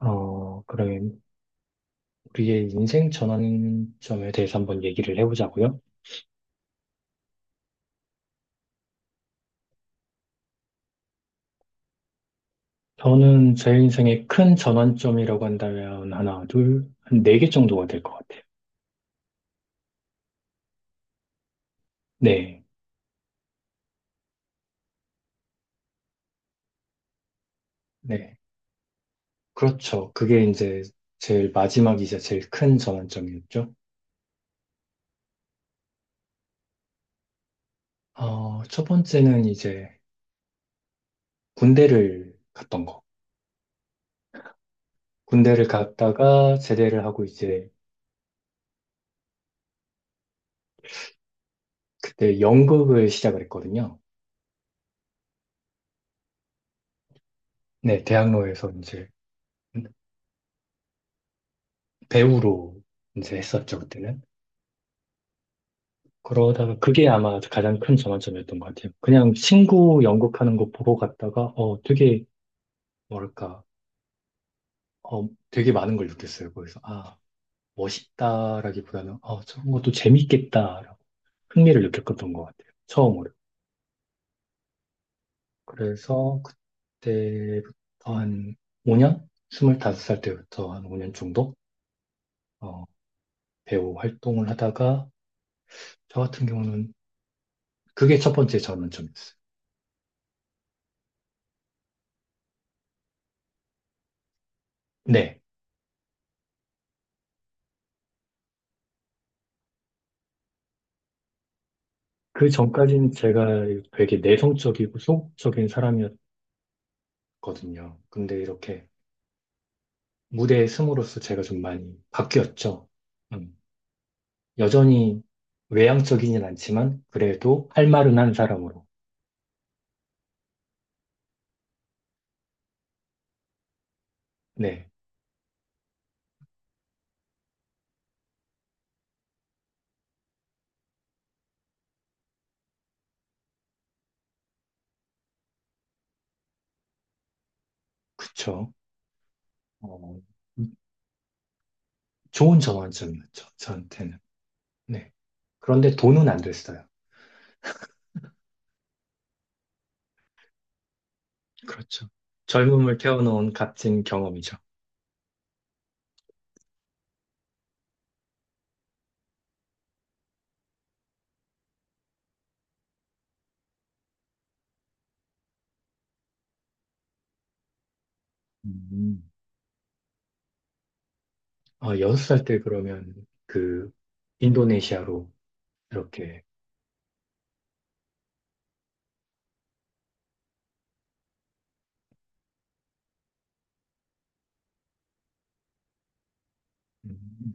그럼 우리의 인생 전환점에 대해서 한번 얘기를 해보자고요. 저는 제 인생의 큰 전환점이라고 한다면 하나, 둘, 한 네 개 정도가 될 것 같아요. 네, 네. 그렇죠. 그게 이제 제일 마지막이자 제일 큰 전환점이었죠. 첫 번째는 이제 군대를 갔던 거. 군대를 갔다가 제대를 하고 이제 그때 연극을 시작을 했거든요. 네, 대학로에서 이제 배우로 이제 했었죠, 그때는. 그러다가 그게 아마 가장 큰 전환점이었던 것 같아요. 그냥 친구 연극하는 거 보고 갔다가, 뭐랄까, 되게 많은 걸 느꼈어요. 거기서, 아, 멋있다라기보다는, 저런 것도 재밌겠다라고 흥미를 느꼈던 것 같아요. 처음으로. 그래서 그때부터 한 5년? 25살 때부터 한 5년 정도, 어, 배우 활동을 하다가, 저 같은 경우는 그게 첫 번째 전환점이었어요. 네. 그 전까지는 제가 되게 내성적이고 소극적인 사람이었거든요. 근데 이렇게 무대에 숨으로써 제가 좀 많이 바뀌었죠. 음, 여전히 외향적이진 않지만 그래도 할 말은 한 사람으로. 네, 그쵸. 어, 좋은 전환점이었죠, 저한테는. 네. 그런데 돈은 안 됐어요. 그렇죠. 젊음을 태워놓은 값진 경험이죠. 음, 어, 여섯 살 때 그러면 그 인도네시아로 이렇게 음,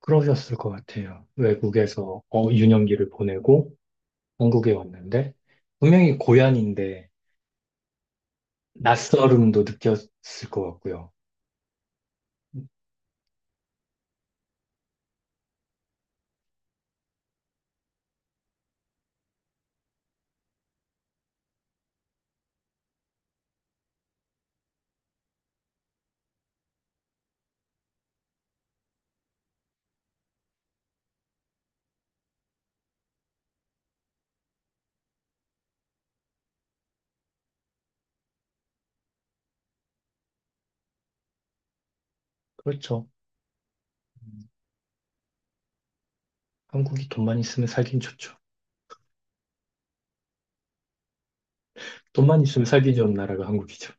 그러셨을 것 같아요. 외국에서 유년기를 보내고 한국에 왔는데 분명히 고향인데 낯설음도 느꼈을 것 같고요. 그렇죠. 음, 한국이 돈만 있으면 살긴 좋죠. 돈만 있으면 살기 좋은 나라가 한국이죠.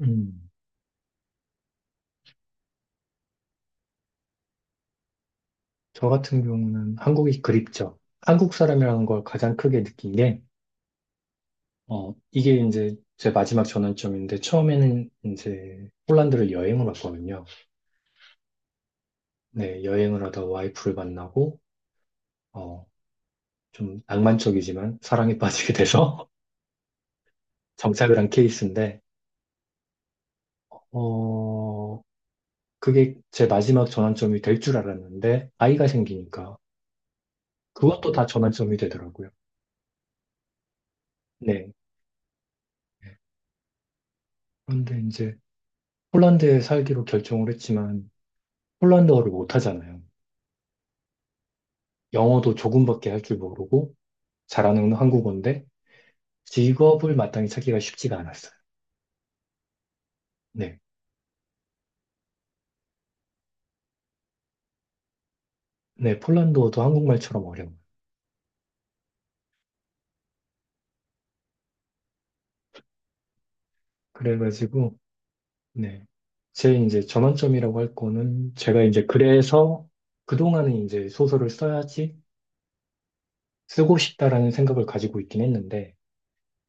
음, 저 같은 경우는 한국이 그립죠. 한국 사람이라는 걸 가장 크게 느낀 게, 이게 이제 제 마지막 전환점인데, 처음에는 이제 폴란드를 여행을 왔거든요. 네, 여행을 하다 와이프를 만나고, 어, 좀 낭만적이지만 사랑에 빠지게 돼서 정착을 한 케이스인데, 어, 그게 제 마지막 전환점이 될 줄 알았는데, 아이가 생기니까 그것도 다 전환점이 되더라고요. 네. 그런데 이제 폴란드에 살기로 결정을 했지만, 폴란드어를 못하잖아요. 영어도 조금밖에 할 줄 모르고, 잘하는 한국어인데, 직업을 마땅히 찾기가 쉽지가 않았어요. 네. 네, 폴란드어도 한국말처럼 어려워요. 그래가지고, 네. 제 이제 전환점이라고 할 거는 제가 이제 그래서 그동안은 이제 소설을 써야지 쓰고 싶다라는 생각을 가지고 있긴 했는데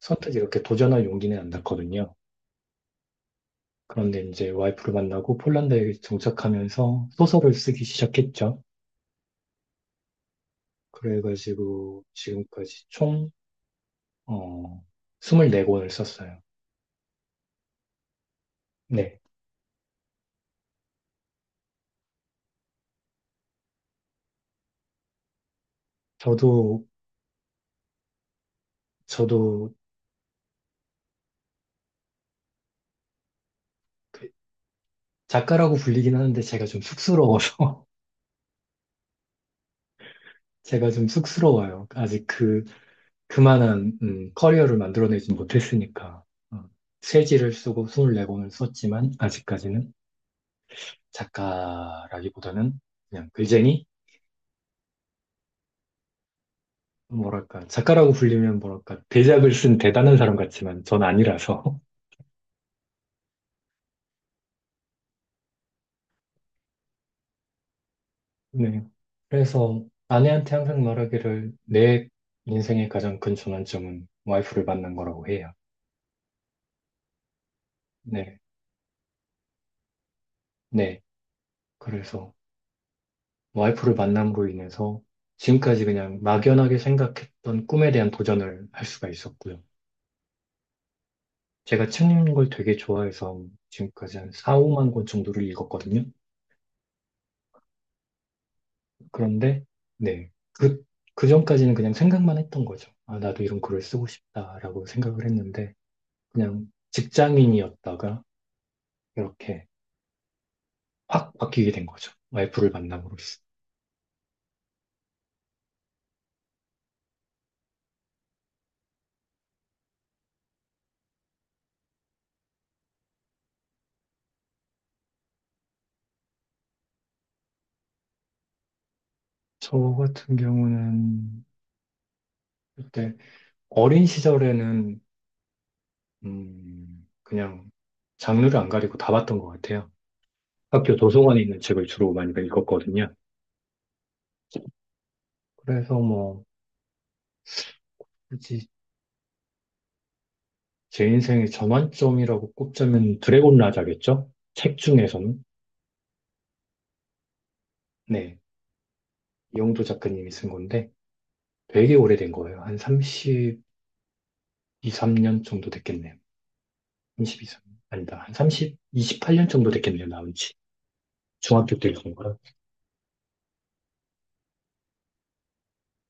선뜻 이렇게 도전할 용기는 안 났거든요. 그런데 이제 와이프를 만나고 폴란드에 정착하면서 소설을 쓰기 시작했죠. 그래가지고 지금까지 총, 어, 24권을 썼어요. 네. 저도, 저도 그 작가라고 불리긴 하는데 제가 좀 쑥스러워서 제가 좀 쑥스러워요. 아직 그 그만한 커리어를 만들어내지 못했으니까 어, 세지를 쓰고 24권을 썼지만 아직까지는 작가라기보다는 그냥 글쟁이 뭐랄까 작가라고 불리면 뭐랄까 대작을 쓴 대단한 사람 같지만 전 아니라서 네. 그래서 아내한테 항상 말하기를 내 인생의 가장 큰 전환점은 와이프를 만난 거라고 해요. 네, 네. 그래서 와이프를 만남으로 인해서 지금까지 그냥 막연하게 생각했던 꿈에 대한 도전을 할 수가 있었고요. 제가 책 읽는 걸 되게 좋아해서 지금까지 한 4, 5만 권 정도를 읽었거든요. 그런데, 네. 그 전까지는 그냥 생각만 했던 거죠. 아, 나도 이런 글을 쓰고 싶다라고 생각을 했는데, 그냥 직장인이었다가 이렇게 확 바뀌게 된 거죠. 와이프를 만남으로써. 저 같은 경우는 그때 어린 시절에는 그냥 장르를 안 가리고 다 봤던 것 같아요. 학교 도서관에 있는 책을 주로 많이 읽었거든요. 그래서 뭐, 굳이 제 인생의 전환점이라고 꼽자면 드래곤 라자겠죠? 책 중에서는. 네. 이영도 작가님이 쓴 건데 되게 오래된 거예요. 한 32, 3년 정도 됐겠네요. 32, 3 아니다. 한 30, 28년 정도 됐겠네요. 나온 지. 중학교 때 읽은 거라.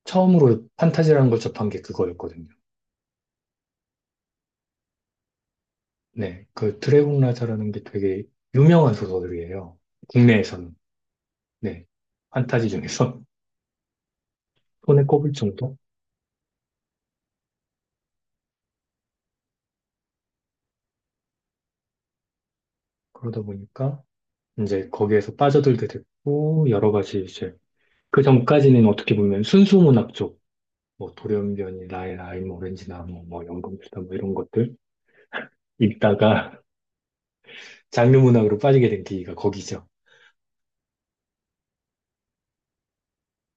처음으로 판타지라는 걸 접한 게 그거였거든요. 네, 그 드래곤 라자라는 게 되게 유명한 소설이에요. 국내에서는. 네, 판타지 중에서 손에 꼽을 정도? 그러다 보니까 이제 거기에서 빠져들게 됐고, 여러 가지 이제 그 전까지는 어떻게 보면 순수 문학 쪽, 뭐 돌연변이, 라이, 라임, 오렌지나 뭐, 뭐 연금술사 뭐 이런 것들 읽다가 장르 문학으로 빠지게 된 계기가 거기죠.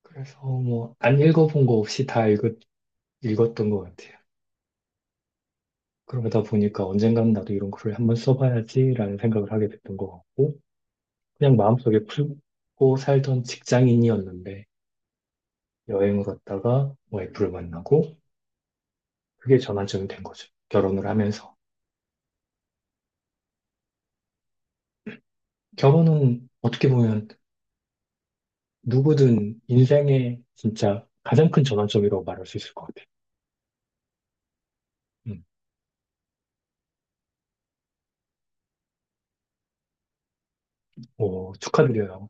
그래서 뭐 안 읽어본 거 없이 다 읽었, 읽었던 것 같아요. 그러다 보니까 언젠가는 나도 이런 글을 한번 써봐야지라는 생각을 하게 됐던 것 같고, 그냥 마음속에 품고 살던 직장인이었는데, 여행을 갔다가 와이프를 만나고, 그게 전환점이 된 거죠. 결혼을 하면서. 결혼은 어떻게 보면 누구든 인생의 진짜 가장 큰 전환점이라고 말할 수 있을 것 같아요. 음. 오, 축하드려요.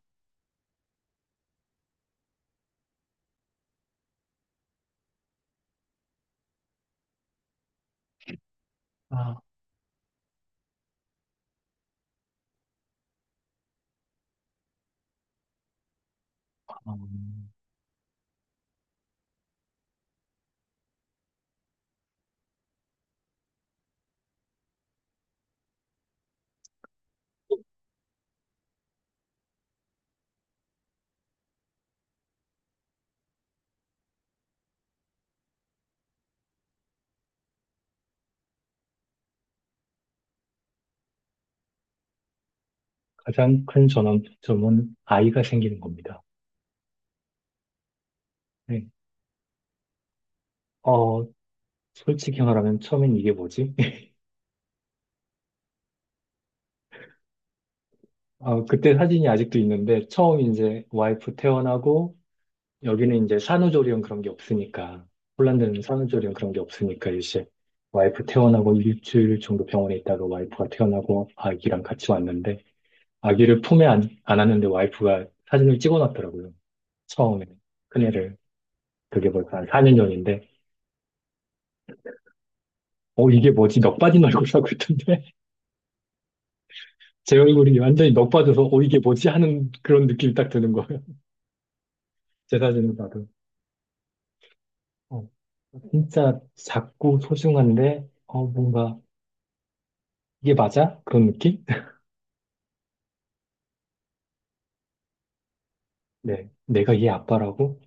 아, 음, 가장 큰 전환점은 아이가 생기는 겁니다. 네. 어, 솔직히 말하면 처음엔 이게 뭐지? 아, 그때 사진이 아직도 있는데 처음 이제 와이프 퇴원하고 여기는 이제 산후조리원 그런 게 없으니까 폴란드는 산후조리원 그런 게 없으니까 이제 와이프 퇴원하고 일주일 정도 병원에 있다가 와이프가 퇴원하고 아기랑 같이 왔는데 아기를 품에 안, 안았는데 와이프가 사진을 찍어놨더라고요. 처음에 큰애를 그게 벌써 한 4년 전인데 어 이게 뭐지 넋 빠진 얼굴이라고 했던데 제 얼굴이 완전히 넋 빠져서 어 이게 뭐지 하는 그런 느낌이 딱 드는 거예요. 제 사진을 봐도. 어, 진짜 작고 소중한데, 뭔가, 이게 맞아? 그런 느낌? 네. 내가 얘 아빠라고?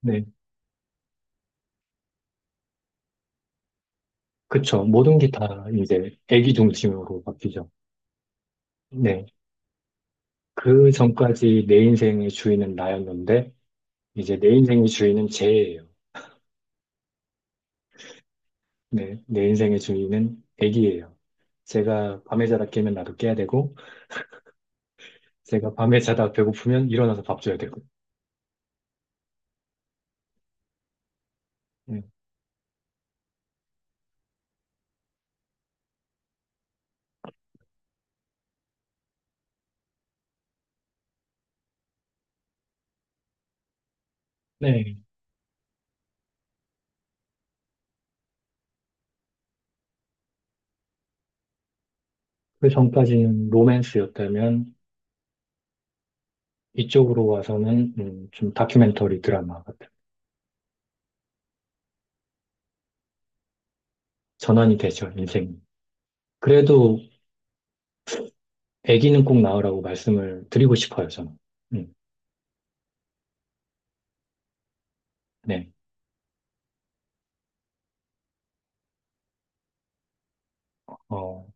네. 그쵸. 모든 게 다 이제 애기 중심으로 바뀌죠. 네. 그 전까지 내 인생의 주인은 나였는데, 이제 내 인생의 주인은 쟤예요. 네. 내 인생의 주인은 애기예요. 제가 밤에 자다 깨면 나도 깨야 되고, 제가 밤에 자다 배고프면 일어나서 밥 줘야 되고. 네. 네. 그 전까지는 로맨스였다면, 이쪽으로 와서는 좀 다큐멘터리 드라마 같은 전환이 되죠, 인생이. 그래도 아기는 꼭 낳으라고 말씀을 드리고 싶어요, 저는. 음, 네. 어,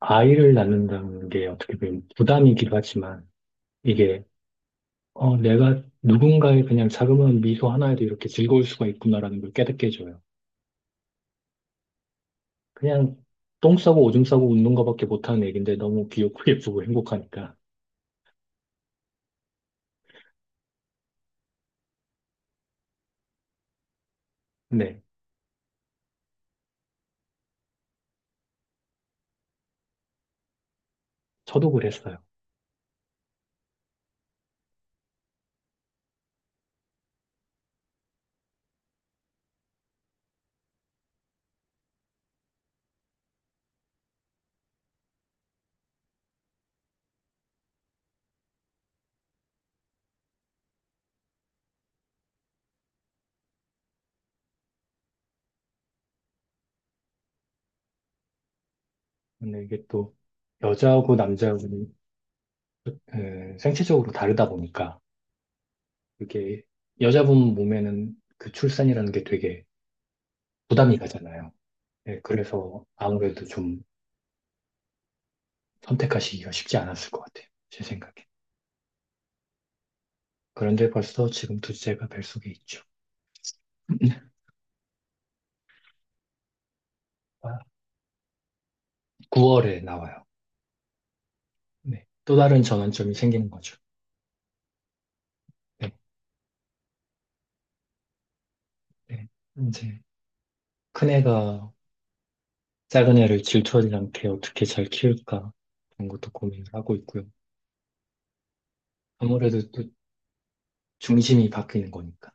아이를 낳는다는 게 어떻게 보면 부담이기도 하지만 이게 내가 누군가의 그냥 자그마한 미소 하나에도 이렇게 즐거울 수가 있구나라는 걸 깨닫게 해줘요. 그냥 똥 싸고 오줌 싸고 웃는 것밖에 못하는 애기인데 너무 귀엽고 예쁘고 행복하니까. 네. 저도 그랬어요. 근데 이게 또 여자하고 남자하고 그 생체적으로 다르다 보니까 그게 여자분 몸에는 그 출산이라는 게 되게 부담이 가잖아요. 예, 그래서 아무래도 좀 선택하시기가 쉽지 않았을 것 같아요. 제 생각에. 그런데 벌써 지금 둘째가 뱃속에 있죠. 9월에 나와요. 네. 또 다른 전환점이 생기는 거죠. 네. 네. 이제 큰애가 작은 애를 질투하지 않게 어떻게 잘 키울까 그런 것도 고민을 하고 있고요. 아무래도 또 중심이 바뀌는 거니까.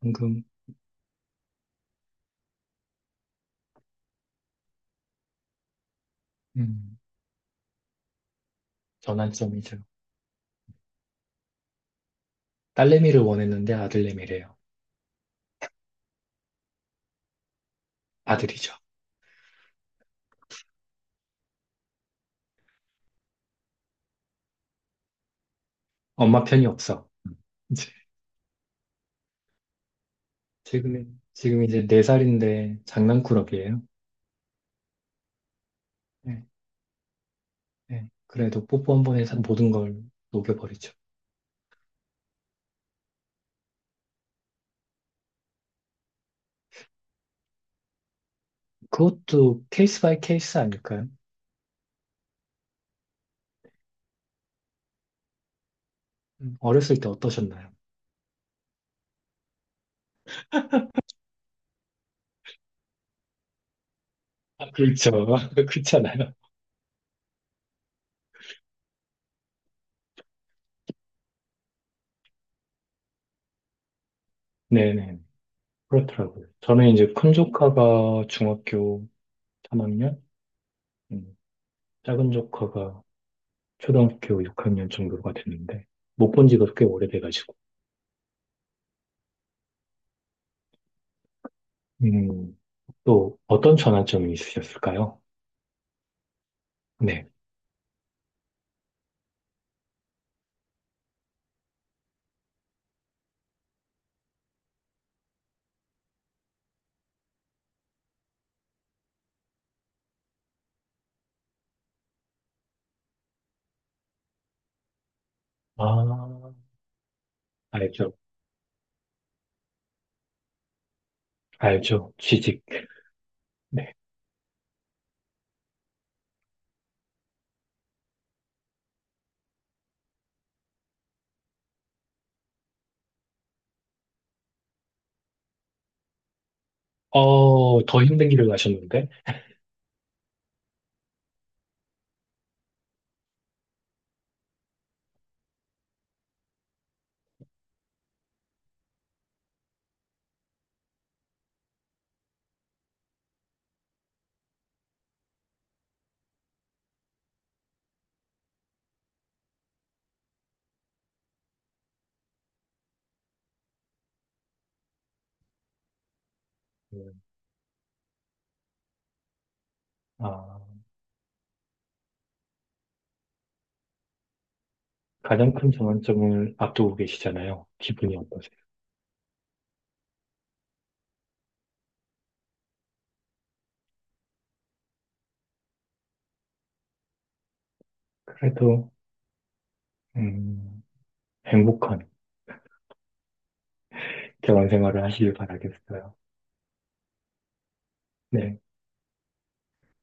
방금 음, 전환점이죠. 딸내미를 원했는데 아들내미래요. 아들이죠. 엄마 편이 없어. 음. 이제 지금 이제 네 살인데 장난꾸러기예요. 네, 네. 그래도 뽀뽀 한 번에 사- 모든 걸 녹여버리죠. 그것도 케이스 바이 케이스 아닐까요? 음. 어렸을 때 어떠셨나요? 아, 그렇죠. 그렇잖아요. 네네. 그렇더라고요. 저는 이제 큰 조카가 중학교 3학년, 음, 작은 조카가 초등학교 6학년 정도가 됐는데 못 본 지가 꽤 오래돼가지고. 음, 또 어떤 전환점이 있으셨을까요? 네. 아, 알죠. 알죠. 취직. 네. 더 힘든 길을 가셨는데, 음, 아, 가장 큰 전환점을 앞두고 계시잖아요. 기분이 어떠세요? 그래도, 음, 행복한 대원 생활을 하시길 바라겠어요. 네.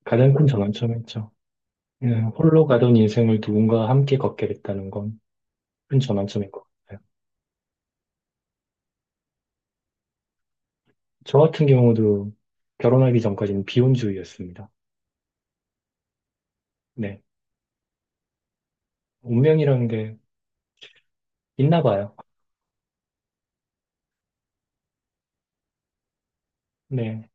가장 큰 전환점이죠. 홀로 가던 인생을 누군가와 함께 걷게 됐다는 건 큰 전환점인 것 같아요. 저 같은 경우도 결혼하기 전까지는 비혼주의였습니다. 네. 운명이라는 게 있나 봐요. 네.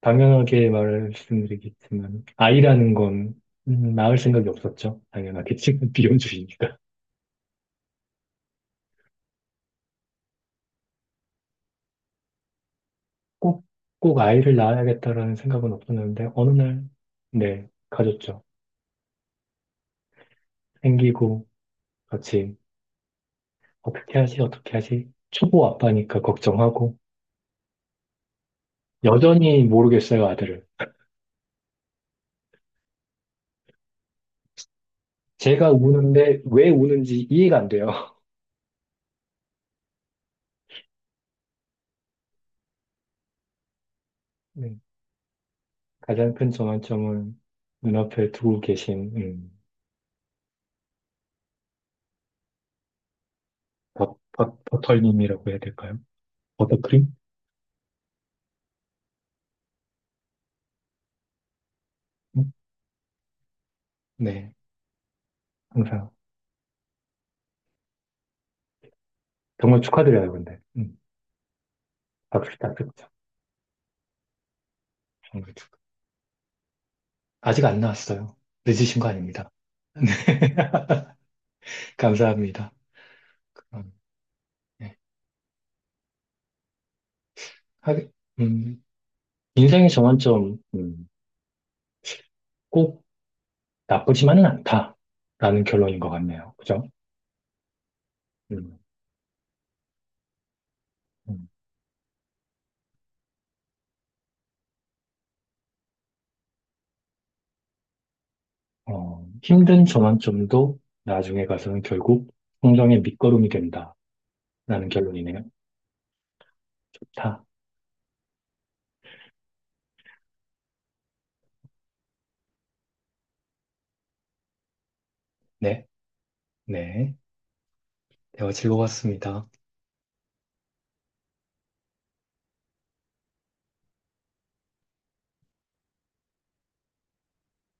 당연하게 말씀드리겠지만, 아이라는 건 낳을 생각이 없었죠. 당연하게 지금 비혼주의니까. 꼭, 꼭 아이를 낳아야겠다라는 생각은 없었는데, 어느 날, 네, 가졌죠. 생기고, 같이, 어떻게 하지, 어떻게 하지? 초보 아빠니까 걱정하고, 여전히 모르겠어요, 아들을. 제가 우는데 왜 우는지 이해가 안 돼요. 네, 가장 큰 전환점은 눈앞에 두고 계신, 버터님이라고 해야 될까요? 버터크림? 음? 네, 항상. 정말 축하드려요, 근데. 박수 딱 듣죠. 정말 축하. 아직 안 나왔어요. 늦으신 거 아닙니다. 네, 감사합니다. 그럼, 네. 하 음, 인생의 전환점, 꼭 나쁘지만은 않다라는 결론인 것 같네요. 그죠? 음, 음. 어, 힘든 전환점도 나중에 가서는 결국 성장의 밑거름이 된다라는 결론이네요. 좋다. 네, 네. 대화 즐거웠습니다.